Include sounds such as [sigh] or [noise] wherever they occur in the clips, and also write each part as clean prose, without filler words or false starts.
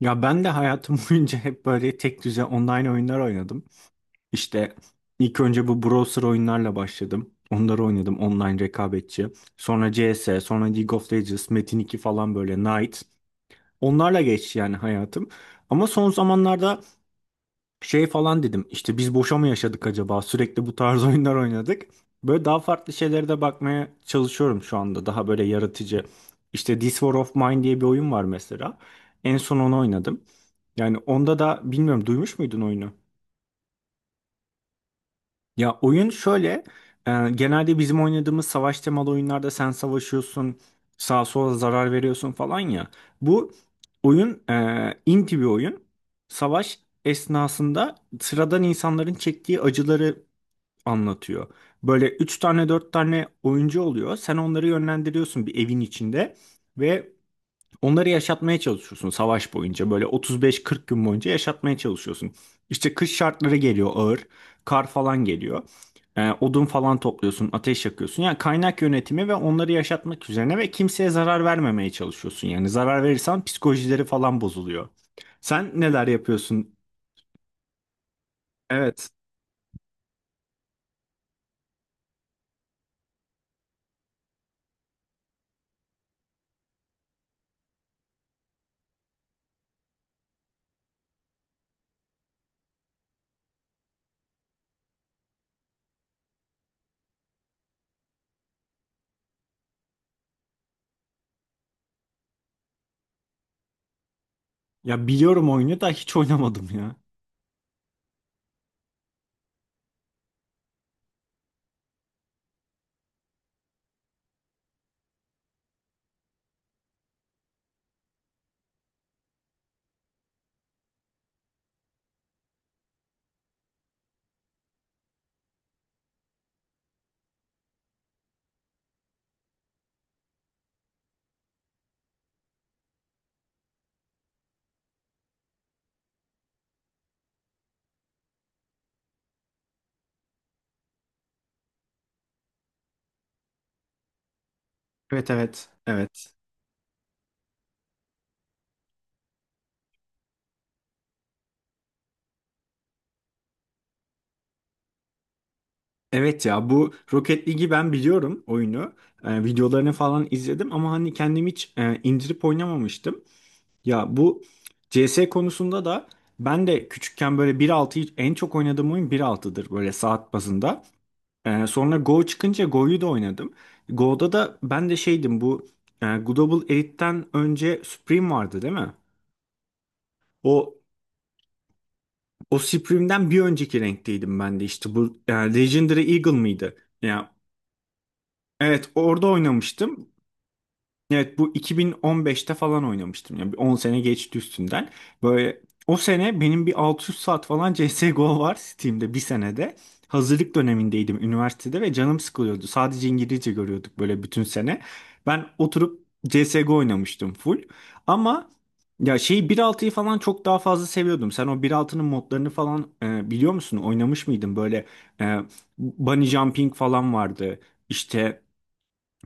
Ya ben de hayatım [laughs] boyunca hep böyle tek düze online oyunlar oynadım. İşte ilk önce bu browser oyunlarla başladım. Onları oynadım online rekabetçi. Sonra CS, sonra League of Legends, Metin 2 falan böyle Knight. Onlarla geçti yani hayatım. Ama son zamanlarda şey falan dedim. İşte biz boşa mı yaşadık acaba? Sürekli bu tarz [laughs] oyunlar oynadık. Böyle daha farklı şeylere de bakmaya çalışıyorum şu anda. Daha böyle yaratıcı. İşte This War of Mine diye bir oyun var mesela. En son onu oynadım. Yani onda da bilmiyorum duymuş muydun oyunu? Ya oyun şöyle, genelde bizim oynadığımız savaş temalı oyunlarda sen savaşıyorsun, sağa sola zarar veriyorsun falan ya. Bu oyun inti bir oyun. Savaş esnasında sıradan insanların çektiği acıları anlatıyor. Böyle üç tane dört tane oyuncu oluyor. Sen onları yönlendiriyorsun bir evin içinde ve onları yaşatmaya çalışıyorsun savaş boyunca. Böyle 35-40 gün boyunca yaşatmaya çalışıyorsun. İşte kış şartları geliyor ağır. Kar falan geliyor. Odun falan topluyorsun, ateş yakıyorsun. Yani kaynak yönetimi ve onları yaşatmak üzerine ve kimseye zarar vermemeye çalışıyorsun. Yani zarar verirsen psikolojileri falan bozuluyor. Sen neler yapıyorsun? Evet. Ya biliyorum oyunu da hiç oynamadım ya. Evet, evet. Evet. Evet, ya bu Rocket League'i ben biliyorum oyunu. Videolarını falan izledim ama hani kendim hiç indirip oynamamıştım. Ya bu CS konusunda da ben de küçükken böyle 1.6'yı en çok oynadığım oyun bir altıdır böyle saat bazında. Sonra Go çıkınca Go'yu da oynadım. Go'da da ben de şeydim bu Global Elite'den önce Supreme vardı, değil mi? O o Supreme'den bir önceki renkteydim ben de işte bu Legendary Eagle mıydı? Ya evet, orada oynamıştım. Evet, bu 2015'te falan oynamıştım. Yani bir 10 sene geçti üstünden. Böyle o sene benim bir 600 saat falan CSGO var Steam'de bir senede. Hazırlık dönemindeydim üniversitede ve canım sıkılıyordu. Sadece İngilizce görüyorduk böyle bütün sene. Ben oturup CSGO oynamıştım full. Ama ya şey altıyı falan çok daha fazla seviyordum. Sen o bir altının modlarını falan biliyor musun? Oynamış mıydın? Böyle e, bunny jumping falan vardı. İşte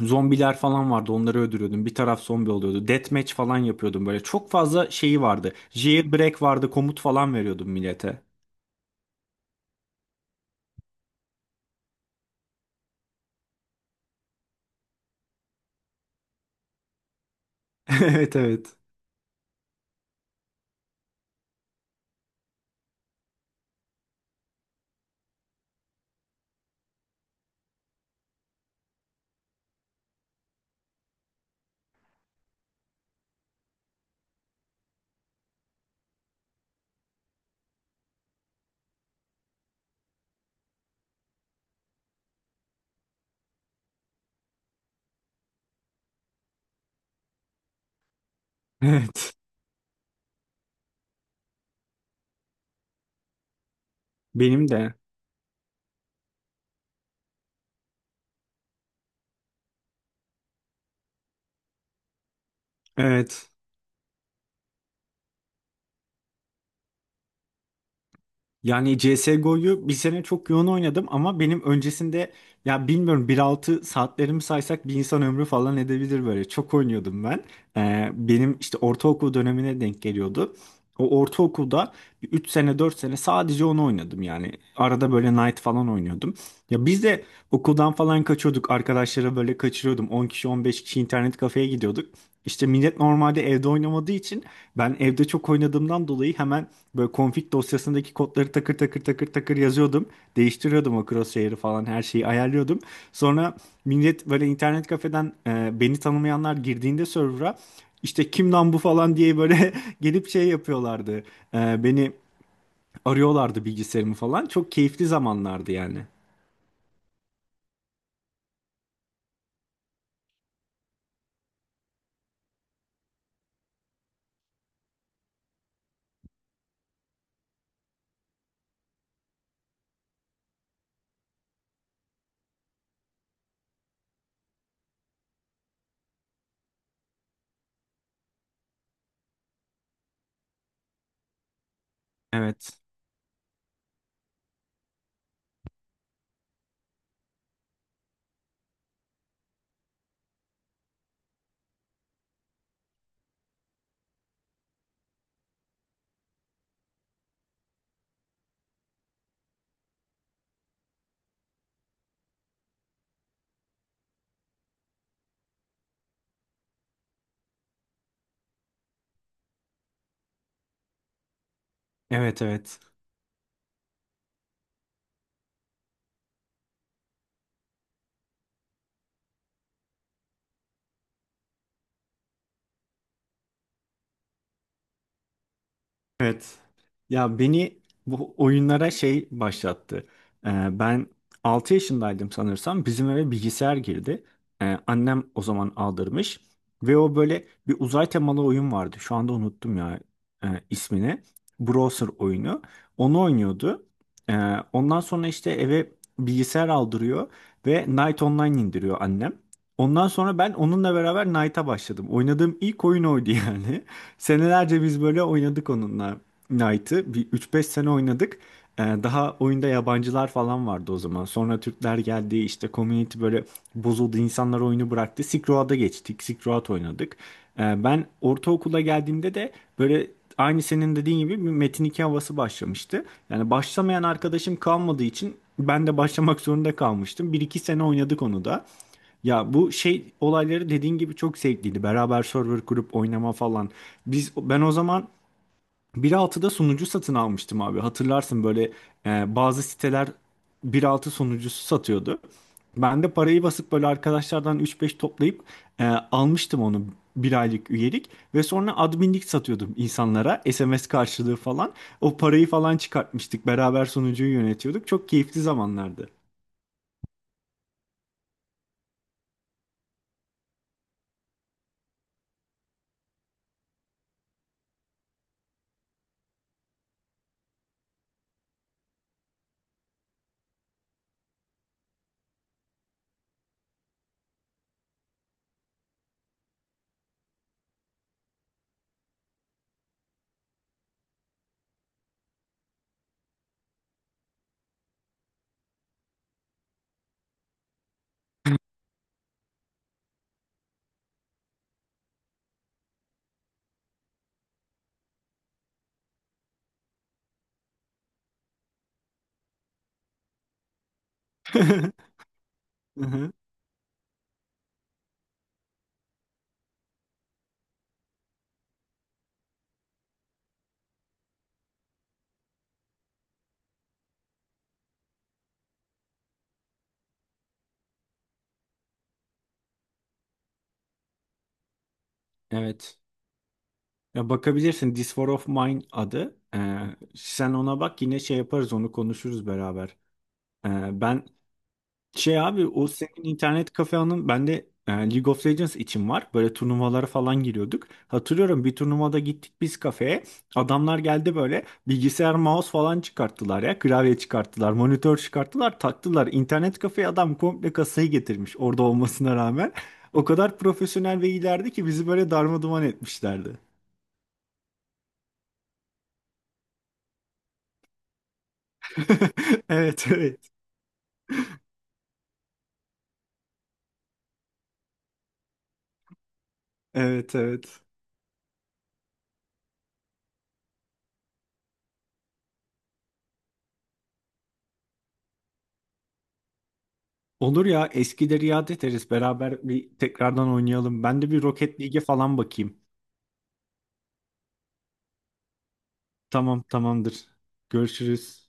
zombiler falan vardı, onları öldürüyordum. Bir taraf zombi oluyordu. Deathmatch falan yapıyordum böyle. Çok fazla şeyi vardı. Jailbreak vardı, komut falan veriyordum millete. [laughs] Evet, evet. Evet. Benim de. Evet. Yani CSGO'yu bir sene çok yoğun oynadım ama benim öncesinde ya bilmiyorum bir altı saatlerimi saysak bir insan ömrü falan edebilir böyle. Çok oynuyordum ben. Benim işte ortaokul dönemine denk geliyordu. O ortaokulda 3 sene 4 sene sadece onu oynadım yani. Arada böyle Knight falan oynuyordum. Ya biz de okuldan falan kaçıyorduk. Arkadaşlara böyle kaçırıyordum. 10 kişi 15 kişi internet kafeye gidiyorduk. İşte millet normalde evde oynamadığı için ben evde çok oynadığımdan dolayı hemen böyle config dosyasındaki kodları takır takır takır takır yazıyordum. Değiştiriyordum o crosshair'ı falan, her şeyi ayarlıyordum. Sonra millet böyle internet kafeden beni tanımayanlar girdiğinde server'a işte kim lan bu falan diye böyle [laughs] gelip şey yapıyorlardı. Beni arıyorlardı, bilgisayarımı falan. Çok keyifli zamanlardı yani. Evet. Evet, evet. Evet. Ya beni bu oyunlara şey başlattı. Ben 6 yaşındaydım sanırsam. Bizim eve bilgisayar girdi. Annem o zaman aldırmış. Ve o böyle bir uzay temalı oyun vardı. Şu anda unuttum ya ismini. Browser oyunu. Onu oynuyordu. Ondan sonra işte eve bilgisayar aldırıyor. Ve Night Online indiriyor annem. Ondan sonra ben onunla beraber Knight'a başladım. Oynadığım ilk oyun oydu yani. [laughs] Senelerce biz böyle oynadık onunla Knight'ı. Bir üç beş sene oynadık. Daha oyunda yabancılar falan vardı o zaman. Sonra Türkler geldi, işte community böyle bozuldu. İnsanlar oyunu bıraktı. Silk Road'a geçtik. Silk Road oynadık. Ben ortaokula geldiğimde de böyle aynı senin dediğin gibi bir Metin 2 havası başlamıştı. Yani başlamayan arkadaşım kalmadığı için ben de başlamak zorunda kalmıştım. Bir iki sene oynadık onu da. Ya bu şey olayları dediğin gibi çok zevkliydi. Beraber server kurup oynama falan. Ben o zaman bir altıda sunucu satın almıştım abi. Hatırlarsın böyle bazı siteler bir altı sunucusu satıyordu. Ben de parayı basıp böyle arkadaşlardan üç beş toplayıp almıştım onu, bir aylık üyelik, ve sonra adminlik satıyordum insanlara SMS karşılığı falan. O parayı falan çıkartmıştık. Beraber sunucuyu yönetiyorduk. Çok keyifli zamanlardı. [laughs] Hı hı. Evet. Ya bakabilirsin, This War of Mine adı. Sen ona bak, yine şey yaparız, onu konuşuruz beraber. Ben şey abi, o senin internet kafenin bende League of Legends için var. Böyle turnuvalara falan giriyorduk. Hatırlıyorum bir turnuvada gittik biz kafeye. Adamlar geldi böyle bilgisayar mouse falan çıkarttılar ya. Klavye çıkarttılar, monitör çıkarttılar, taktılar. İnternet kafeye adam komple kasayı getirmiş orada olmasına rağmen. [laughs] O kadar profesyonel ve ilerdi ki bizi böyle darma duman etmişlerdi. [laughs] Evet, evet. Evet, evet. Olur ya, eskileri yad ederiz. Beraber bir tekrardan oynayalım. Ben de bir Rocket League'e falan bakayım. Tamam, tamamdır. Görüşürüz.